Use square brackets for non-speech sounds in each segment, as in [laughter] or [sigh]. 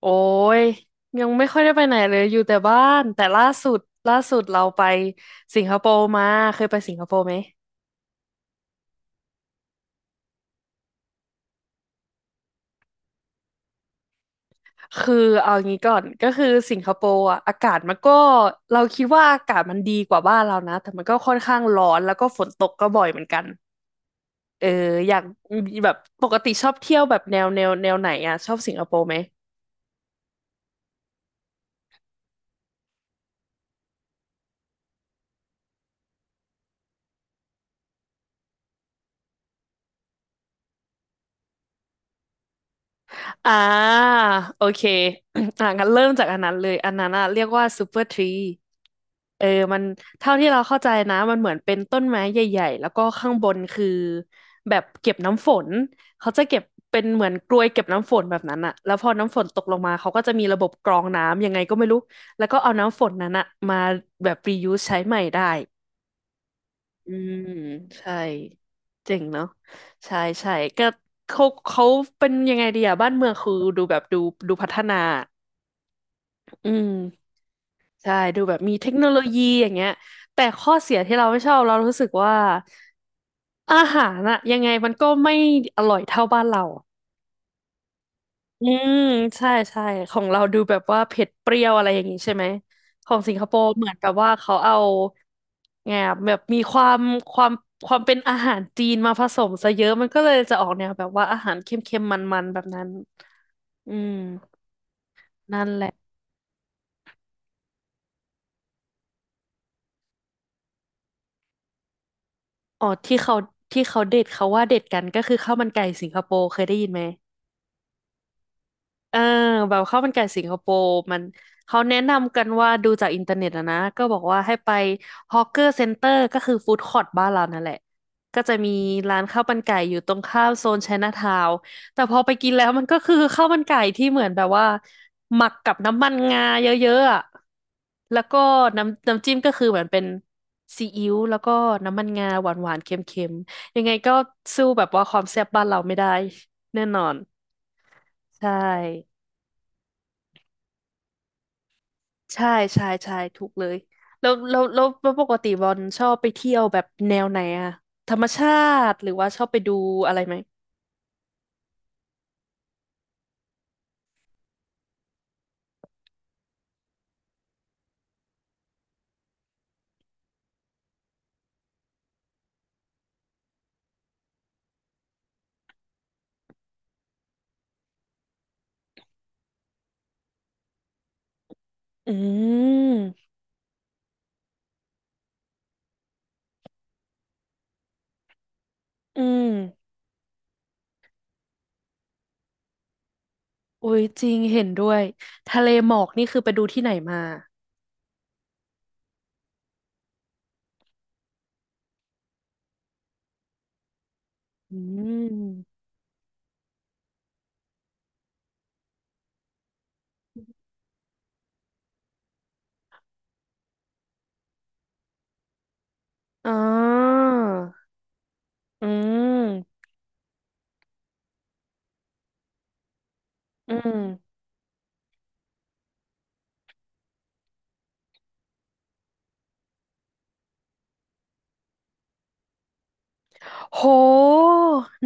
โอ้ยยังไม่ค่อยได้ไปไหนเลยอยู่แต่บ้านแต่ล่าสุดเราไปสิงคโปร์มาเคยไปสิงคโปร์ไหมคือเอางี้ก่อนก็คือสิงคโปร์อะอากาศมันก็เราคิดว่าอากาศมันดีกว่าบ้านเรานะแต่มันก็ค่อนข้างร้อนแล้วก็ฝนตกก็บ่อยเหมือนกันเอออยากแบบปกติชอบเที่ยวแบบแนวไหนอะชอบสิงคโปร์ไหม อ่าโอเค [clears throat] อ่างั้นเริ่มจากอันนั้นเลยอันนั้นอะเรียกว่าซูเปอร์ทรีเออมันเท่าที่เราเข้าใจนะมันเหมือนเป็นต้นไม้ใหญ่ๆแล้วก็ข้างบนคือแบบเก็บน้ำฝนเขาจะเก็บเป็นเหมือนกรวยเก็บน้ำฝนแบบนั้นอะแล้วพอน้ำฝนตกลงมาเขาก็จะมีระบบกรองน้ำยังไงก็ไม่รู้แล้วก็เอาน้ำฝนนั้นอะมาแบบ reuse ใช้ใหม่ได้ อืมใช่เจ๋งเนาะใช่ใช่ก็เขาเป็นยังไงดีอะบ้านเมืองคือดูแบบดูพัฒนาอืมใช่ดูแบบมีเทคโนโลยีอย่างเงี้ยแต่ข้อเสียที่เราไม่ชอบเรารู้สึกว่าอาหารอะยังไงมันก็ไม่อร่อยเท่าบ้านเรา อืมใช่ใช่ของเราดูแบบว่าเผ็ดเปรี้ยวอะไรอย่างนี้ใช่ไหมของสิงคโปร์เหมือนกับว่าเขาเอาไงอะแบบมีความความความเป็นอาหารจีนมาผสมซะเยอะมันก็เลยจะออกแนวแบบว่าอาหารเค็มๆมันๆแบบนั้นอืมนั่นแหละอ๋อที่เขาเด็ดเขาว่าเด็ดกันก็คือข้าวมันไก่สิงคโปร์เคยได้ยินไหม เออแบบข้าวมันไก่สิงคโปร์มันเขาแนะนำกันว่าดูจากอินเทอร์เน็ตอะนะก็บอกว่าให้ไปฮอ w เกอร์เซ็นเตอร์ก็คือฟู้ดคอร์ t บ้านเรานั่นแหละก็จะมีร้านข้าวมันไก่อยู่ตรงข้ามโซนไชน่าทาวน์แต่พอไปกินแล้วมันก็คือข้าวมันไก่ที่เหมือนแบบว่าหมักกับน้ำมันงาเยอะๆอะแล้วก็น้ำจิ้มก็คือเหมือนเป็นซีอิ๊วแล้วก็น้ำมันงาหวานๆเค็มๆยังไงก็สู้แบบว่าความแซ่บบ้านเราไม่ได้แน่นอนใช่ ใช่ใช่ใช่ถูกเลยแล้วปกติบอลชอบไปเที่ยวแบบแนวไหนอะธรรมชาติหรือว่าชอบไปดูอะไรไหมอืมอืมอุ้ยจริงเห็นด้วยทะเลหมอกนี่คือไปดูที่ไหนมาอืมอ๋ออืมอืมโห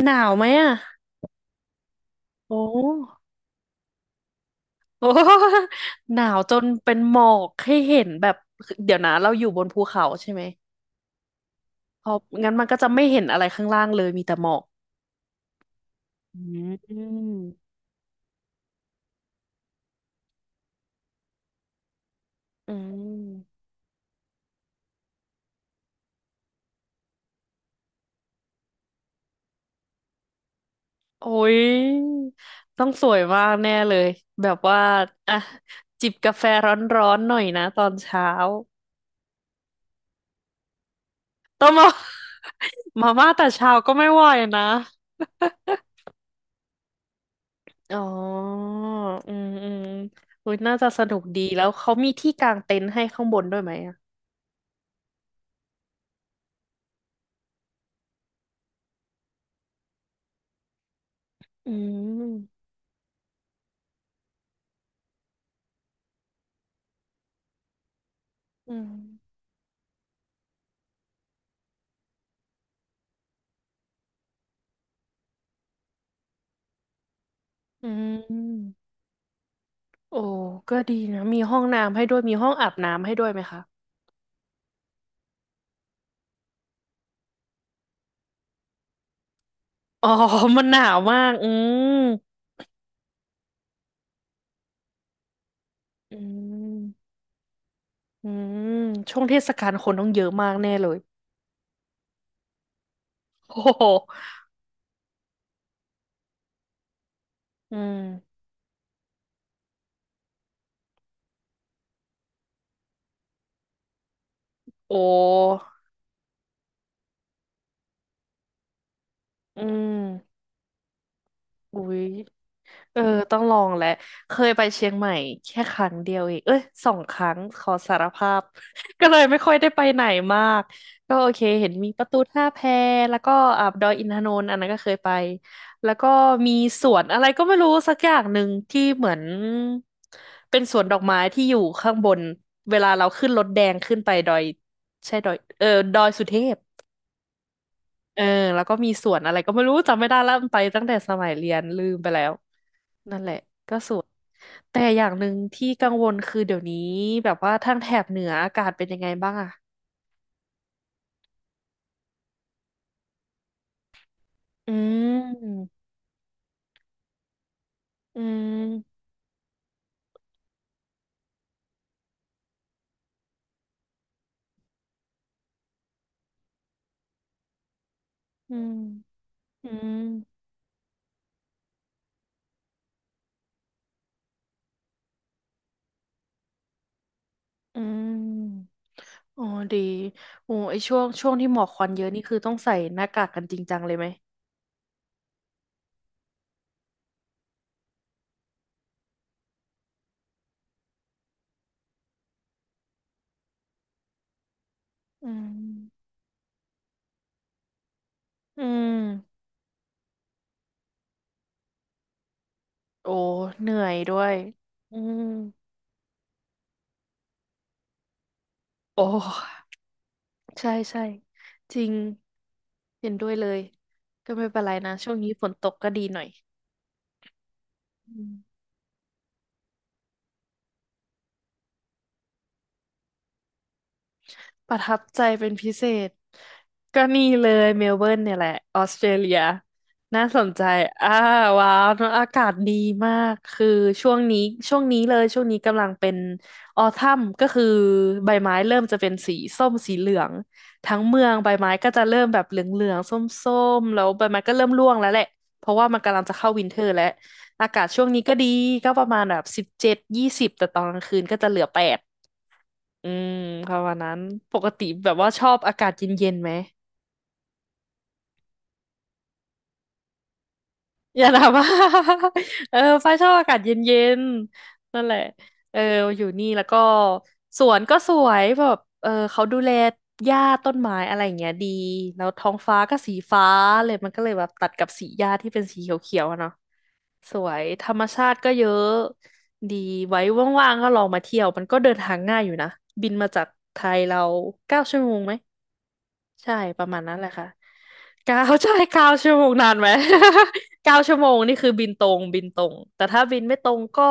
หนาวไหมอะโอ้โอ้ [laughs] หนาวจนเป็นหมอกให้เห็นแบบเดี๋ยวนะเราอยู่บนภูเขาใช่ไหม เพราะงั้นมันก็จะไม่เห็นอะไรข้างล่างเลยมีแต่หมอกอืมอืมโอ้ยต้องสวยมากแน่เลย แบบว่าอ่ะจิบกาแฟร้อนๆหน่อยนะตอนเช้าต้องมา [laughs] มาม่าแต่เช้าก็ไม่ไหวนะอ๋ออืมอืมอุ้ยน่าจะสนุกดีแล้วเขามีที่กางเต็นท์ให้ข้างบนด้วยไหมอ่ะอืมอืมอืมโอ้ก็ดีนะมีห้องน้ำให้ด้วยมีห้องอาบน้ำให้ด้วยไหมคะ อ๋อ [laughs] มันหนาวมาก อืมอืมอืมช่วงเทศกาลคนต้องเยอะมากแน่เลย [laughs] โอ้โห อืมโอ้อืมอุ๊ย เออต้องลองแหละเคยไปเชียงใหม่แค่ครั้งเดียวเองเอ้ยสองครั้งขอสารภาพ [laughs] ก็เลยไม่ค่อยได้ไปไหนมากก็โอเคเห็นมีประตูท่าแพแล้วก็อ่าดอยอินทนนท์อันนั้นก็เคยไปแล้วก็มีสวนอะไรก็ไม่รู้สักอย่างหนึ่งที่เหมือนเป็นสวนดอกไม้ที่อยู่ข้างบนเวลาเราขึ้นรถแดงขึ้นไปดอยใช่ดอยเออดอยสุเทพ เออแล้วก็มีสวนอะไรก็ไม่รู้จำไม่ได้แล้วมันไปตั้งแต่สมัยเรียนลืมไปแล้วนั่นแหละก็สวนแต่อย่างหนึ่งที่กังวลคือเดี๋ยวนี้แบบว่าทางแถบเหนืออากาศเป็นยังไงบ้างอะอืมอืมอืมอืมอืมอ๋อดีโอ้ไอช่วงที่หมอกควันเยอะนี่คือต้องใส่หน้ากากกันจริงจังเลยไหมอืมอืมโอ้เหนื่อยด้วยอืมโอ้ใช่ใช่จริง เห็นด้วยเลย ก็ไม่เป็นไรนะ ช่วงนี้ฝนตกก็ดีหน่อยอืม ประทับใจเป็นพิเศษก็นี่เลยเมลเบิร์นเนี่ยแหละออสเตรเลียน่าสนใจอ่าว้าวเนอะอากาศดีมากคือช่วงนี้ช่วงนี้กำลังเป็นออทัมก็คือใบไม้เริ่มจะเป็นสีส้มสีเหลืองทั้งเมืองใบไม้ก็จะเริ่มแบบเหลืองๆส้มๆแล้วใบไม้ก็เริ่มร่วงแล้วแหละเพราะว่ามันกำลังจะเข้าวินเทอร์แล้วอากาศช่วงนี้ก็ดีก็ประมาณแบบ17-20แต่ตอนกลางคืนก็จะเหลือแปด อืมประมาณนั้นปกติแบบว่าชอบอากาศเย็นๆไหมอย่าถามว่า [laughs] เออฟ้าชอบอากาศเย็นๆนั่นแหละเอออยู่นี่แล้วก็สวนก็สวยแบบเออเขาดูแลหญ้าต้นไม้อะไรอย่างเงี้ยดีแล้วท้องฟ้าก็สีฟ้าเลยมันก็เลยแบบตัดกับสีหญ้าที่เป็นสีเขียวๆอะเนาะสวยธรรมชาติก็เยอะดีไว้ว่างๆก็ลองมาเที่ยวมันก็เดินทางง่ายอยู่นะบินมาจากไทยเราเก้าชั่วโมงไหม ใช่ประมาณนั้นแหละค่ะเก้า [laughs] ใช่9 ชั่วโมงนานไหม [laughs] 9 ชั่วโมงนี่คือบินตรงแต่ถ้าบินไม่ตรงก็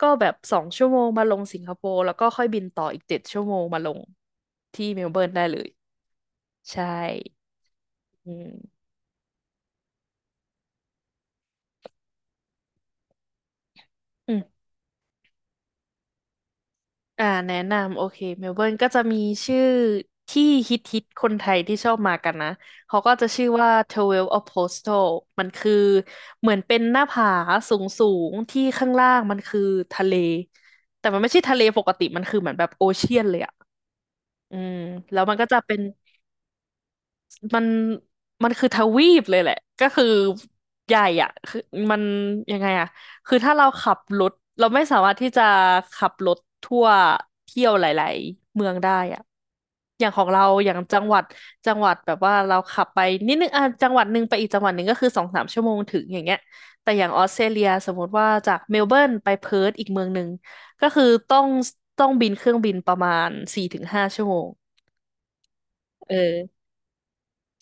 ก็แบบ2 ชั่วโมงมาลงสิงคโปร์แล้วก็ค่อยบินต่ออีก7 ชั่วโมงมาลงที่เมลเบิร์นได้เลยใช่อืมอืม แนะนำโอเคเมลเบิร์นก็จะมีชื่อที่ฮิตฮิตคนไทยที่ชอบมากันนะเขาก็จะชื่อว่า Twelve Apostles มันคือเหมือนเป็นหน้าผาสูงสูงที่ข้างล่างมันคือทะเลแต่มันไม่ใช่ทะเลปกติมันคือเหมือนแบบโอเชียนเลยอะอืมแล้วมันก็จะเป็น มันมันคือทวีปเลยแหละก็คือใหญ่อ่ะคือมันยังไงอ่ะคือถ้าเราขับรถเราไม่สามารถที่จะขับรถทั่วเที่ยวหลายๆเมืองได้อ่ะอย่างของเราอย่างจังหวัดแบบว่าเราขับไปนิดนึงอ่ะจังหวัดหนึ่งไปอีกจังหวัดหนึ่งก็คือ2-3 ชั่วโมงถึงอย่างเงี้ยแต่อย่างออสเตรเลียสมมติว่าจากเมลเบิร์นไปเพิร์ธอีกเมืองหนึ่งก็คือต้องบินเครื่องบินประมาณ4-5 ชั่วโมงเออ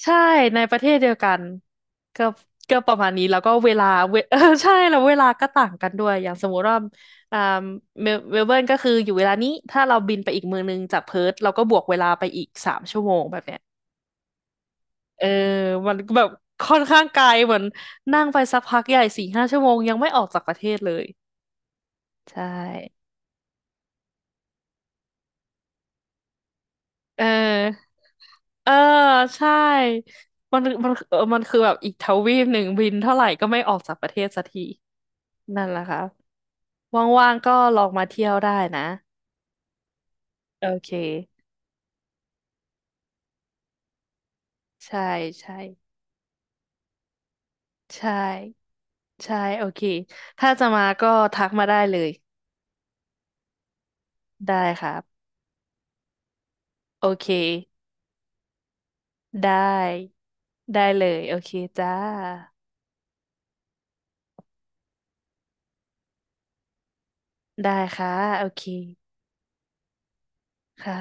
ใช่ในประเทศเดียวกันก็ก็ประมาณนี้แล้วก็เวลาเวเออ [laughs] ใช่แล้วเวลาก็ต่างกันด้วยอย่างสมมุติว่าอ่าเมลเบิร์นก็คืออยู่เวลานี้ถ้าเราบินไปอีกเมืองนึงจากเพิร์ธเราก็บวกเวลาไปอีกสามชั่วโมงแบบเนี้ยเออมันก็แบบค่อนข้างไกลเหมือนนั่งไปสักพักใหญ่4-5 ชั่วโมงยังไม่ออกจากประเทศเลยใช่เออเออใช่มันคือแบบอีกทวีปหนึ่งบินเท่าไหร่ก็ไม่ออกจากประเทศสักทีนั่นแหละค่ะ ว่างๆก็ลองมาเที่ยวได้นะโอเคใช่ใช่ใช่ใช่โอเคถ้าจะมาก็ทักมาได้เลยได้ครับโอเคได้ได้เลยโอเคจ้าได้ค่ะโอเคค่ะ